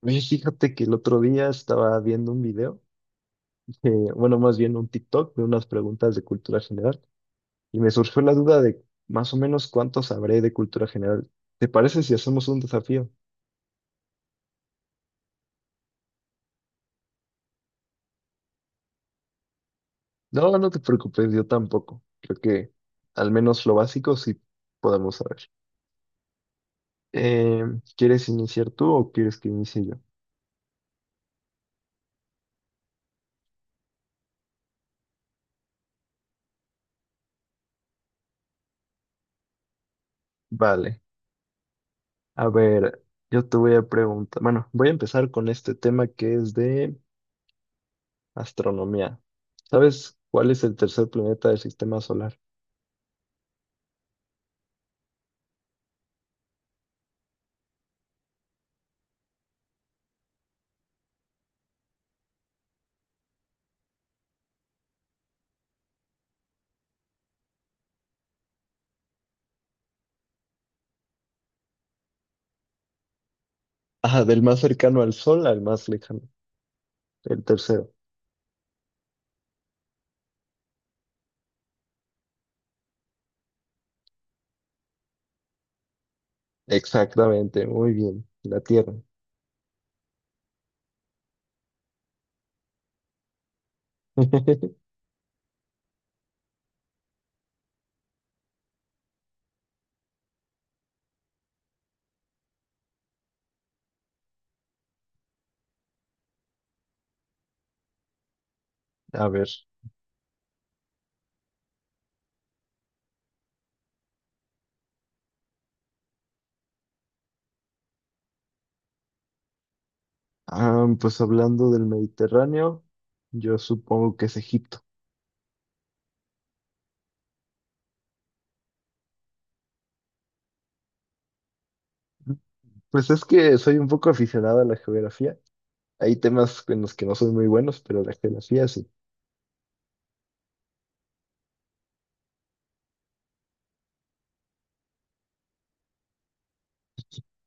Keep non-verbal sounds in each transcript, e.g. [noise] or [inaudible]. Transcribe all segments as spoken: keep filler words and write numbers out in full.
Oye, fíjate que el otro día estaba viendo un video, eh, bueno, más bien un TikTok de unas preguntas de cultura general y me surgió la duda de más o menos cuánto sabré de cultura general. ¿Te parece si hacemos un desafío? No, no te preocupes, yo tampoco. Creo que al menos lo básico sí podemos saber. Eh, ¿quieres iniciar tú o quieres que inicie yo? Vale, a ver, yo te voy a preguntar, bueno, voy a empezar con este tema que es de astronomía. ¿Sabes cuál es el tercer planeta del sistema solar? Ah, del más cercano al Sol al más lejano. El tercero. Exactamente, muy bien. La Tierra. [laughs] A ver. Ah, pues hablando del Mediterráneo, yo supongo que es Egipto. Pues es que soy un poco aficionado a la geografía. Hay temas en los que no soy muy buenos, pero la geografía sí.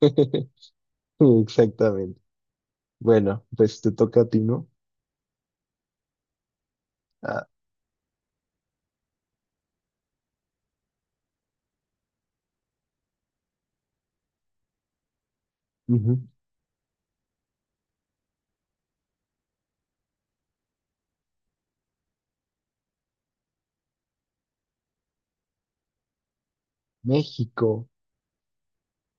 [laughs] Exactamente. Bueno, pues te toca a ti, ¿no? Ah, ujú. México.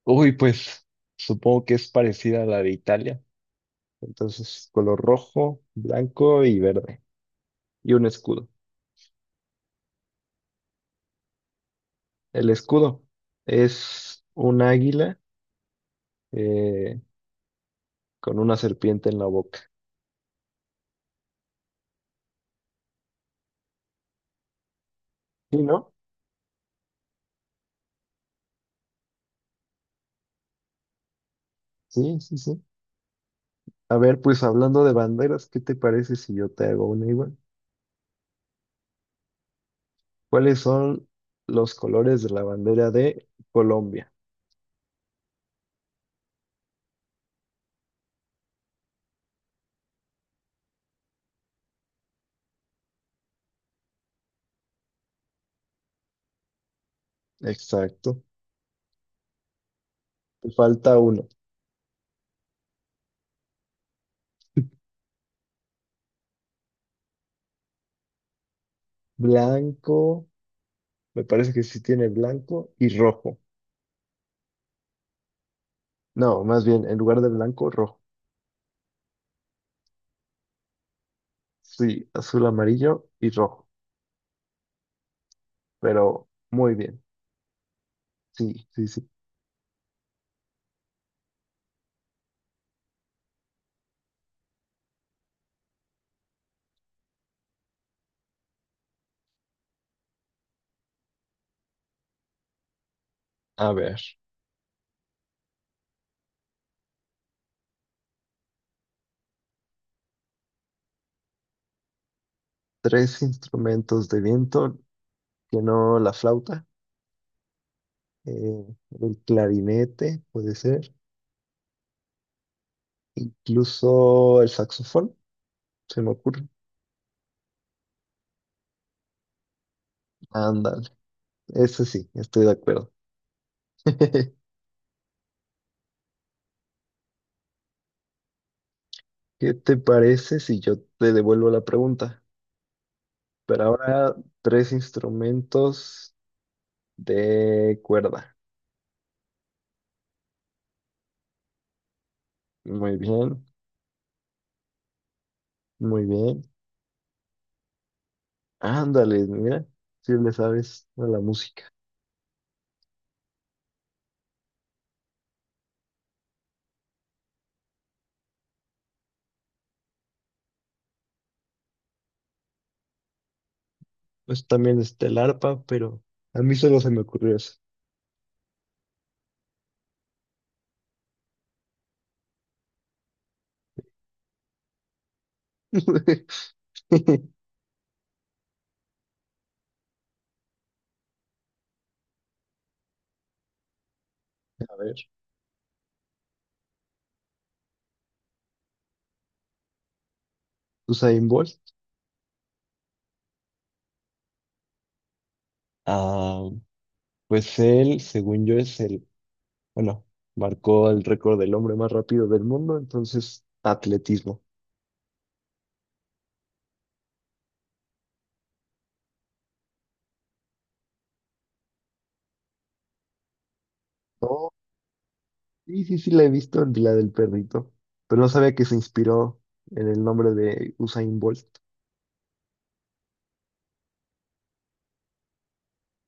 Uy, pues supongo que es parecida a la de Italia. Entonces, color rojo, blanco y verde. Y un escudo. El escudo es un águila, eh, con una serpiente en la boca. ¿Sí, no? Sí, sí, sí. A ver, pues hablando de banderas, ¿qué te parece si yo te hago una igual? ¿Cuáles son los colores de la bandera de Colombia? Exacto. Te falta uno. Blanco, me parece que sí tiene blanco y rojo. No, más bien, en lugar de blanco, rojo. Sí, azul, amarillo y rojo. Pero muy bien. Sí, sí, sí. A ver, tres instrumentos de viento que no la flauta, eh, el clarinete puede ser, incluso el saxofón, se me ocurre. Ándale, ese sí, estoy de acuerdo. [laughs] ¿Qué te parece si yo te devuelvo la pregunta? Pero ahora tres instrumentos de cuerda. Muy bien, muy bien. Ándale, mira, si le sabes a la música. Pues también está el arpa, pero a mí solo se me ocurrió eso. [laughs] A ver, Usain Bolt. Ah, pues él, según yo, es el, bueno, marcó el récord del hombre más rápido del mundo, entonces atletismo. Oh, sí, sí, sí, la he visto en la del perrito, pero no sabía que se inspiró en el nombre de Usain Bolt.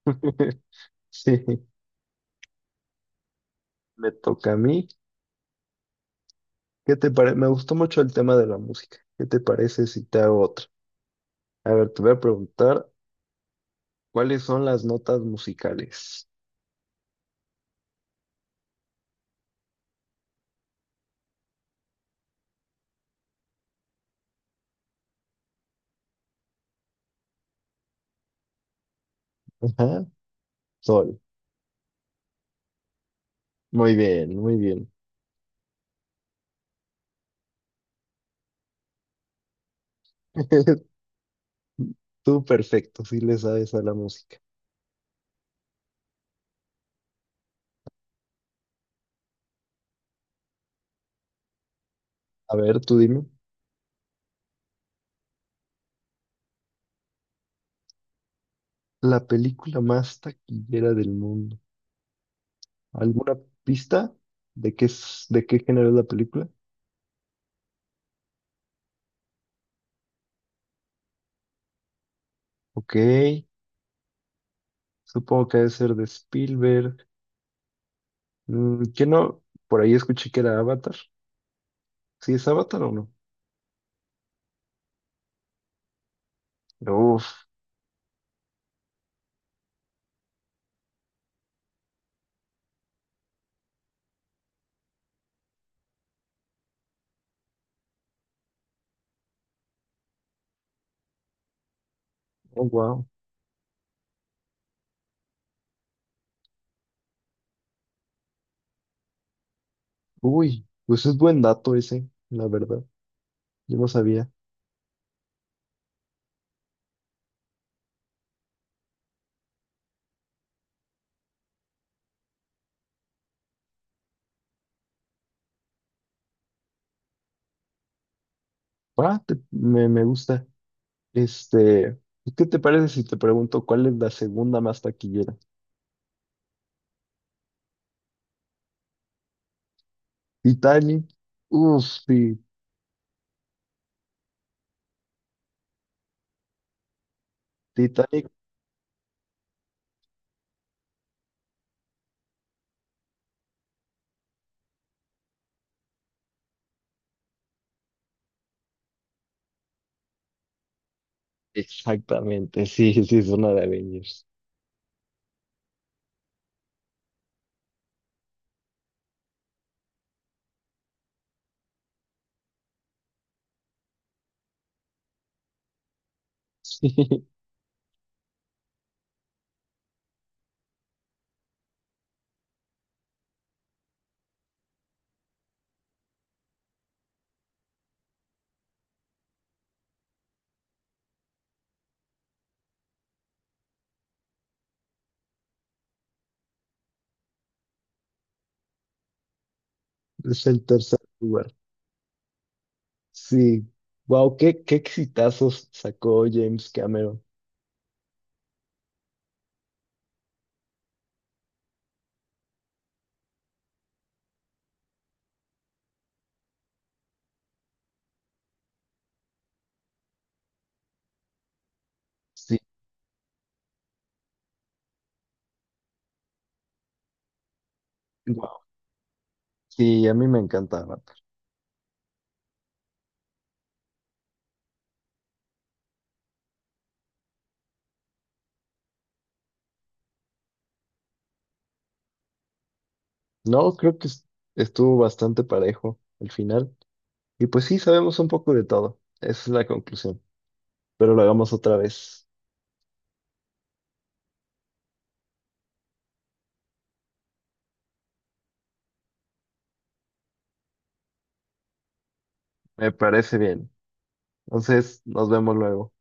[laughs] Sí, me toca a mí. ¿Qué te parece? Me gustó mucho el tema de la música. ¿Qué te parece si te hago otra? A ver, te voy a preguntar cuáles son las notas musicales. Ajá, sol. Muy bien, muy bien. [laughs] Tú perfecto, sí le sabes a la música. A ver, tú dime. La película más taquillera del mundo. ¿Alguna pista de qué es, de qué género es la película? Ok, supongo que debe ser de Spielberg. Mm, ¿qué no? Por ahí escuché que era Avatar. ¿Sí es Avatar o no? Uf, oh, wow. Uy, pues es buen dato ese, la verdad. Yo no sabía. Ah, te- me, me gusta. Este, ¿qué te parece si te pregunto cuál es la segunda más taquillera? Titanic. Uf, sí, Titanic. Exactamente, sí, sí, es una de Avengers. Sí, [laughs] es el tercer lugar. Sí. Wow, qué, qué exitazos sacó James Cameron. Sí, wow. Sí, a mí me encantaba. No, creo que es- Estuvo bastante parejo al final. Y pues sí, sabemos un poco de todo. Esa es la conclusión. Pero lo hagamos otra vez. Me parece bien. Entonces, nos vemos luego.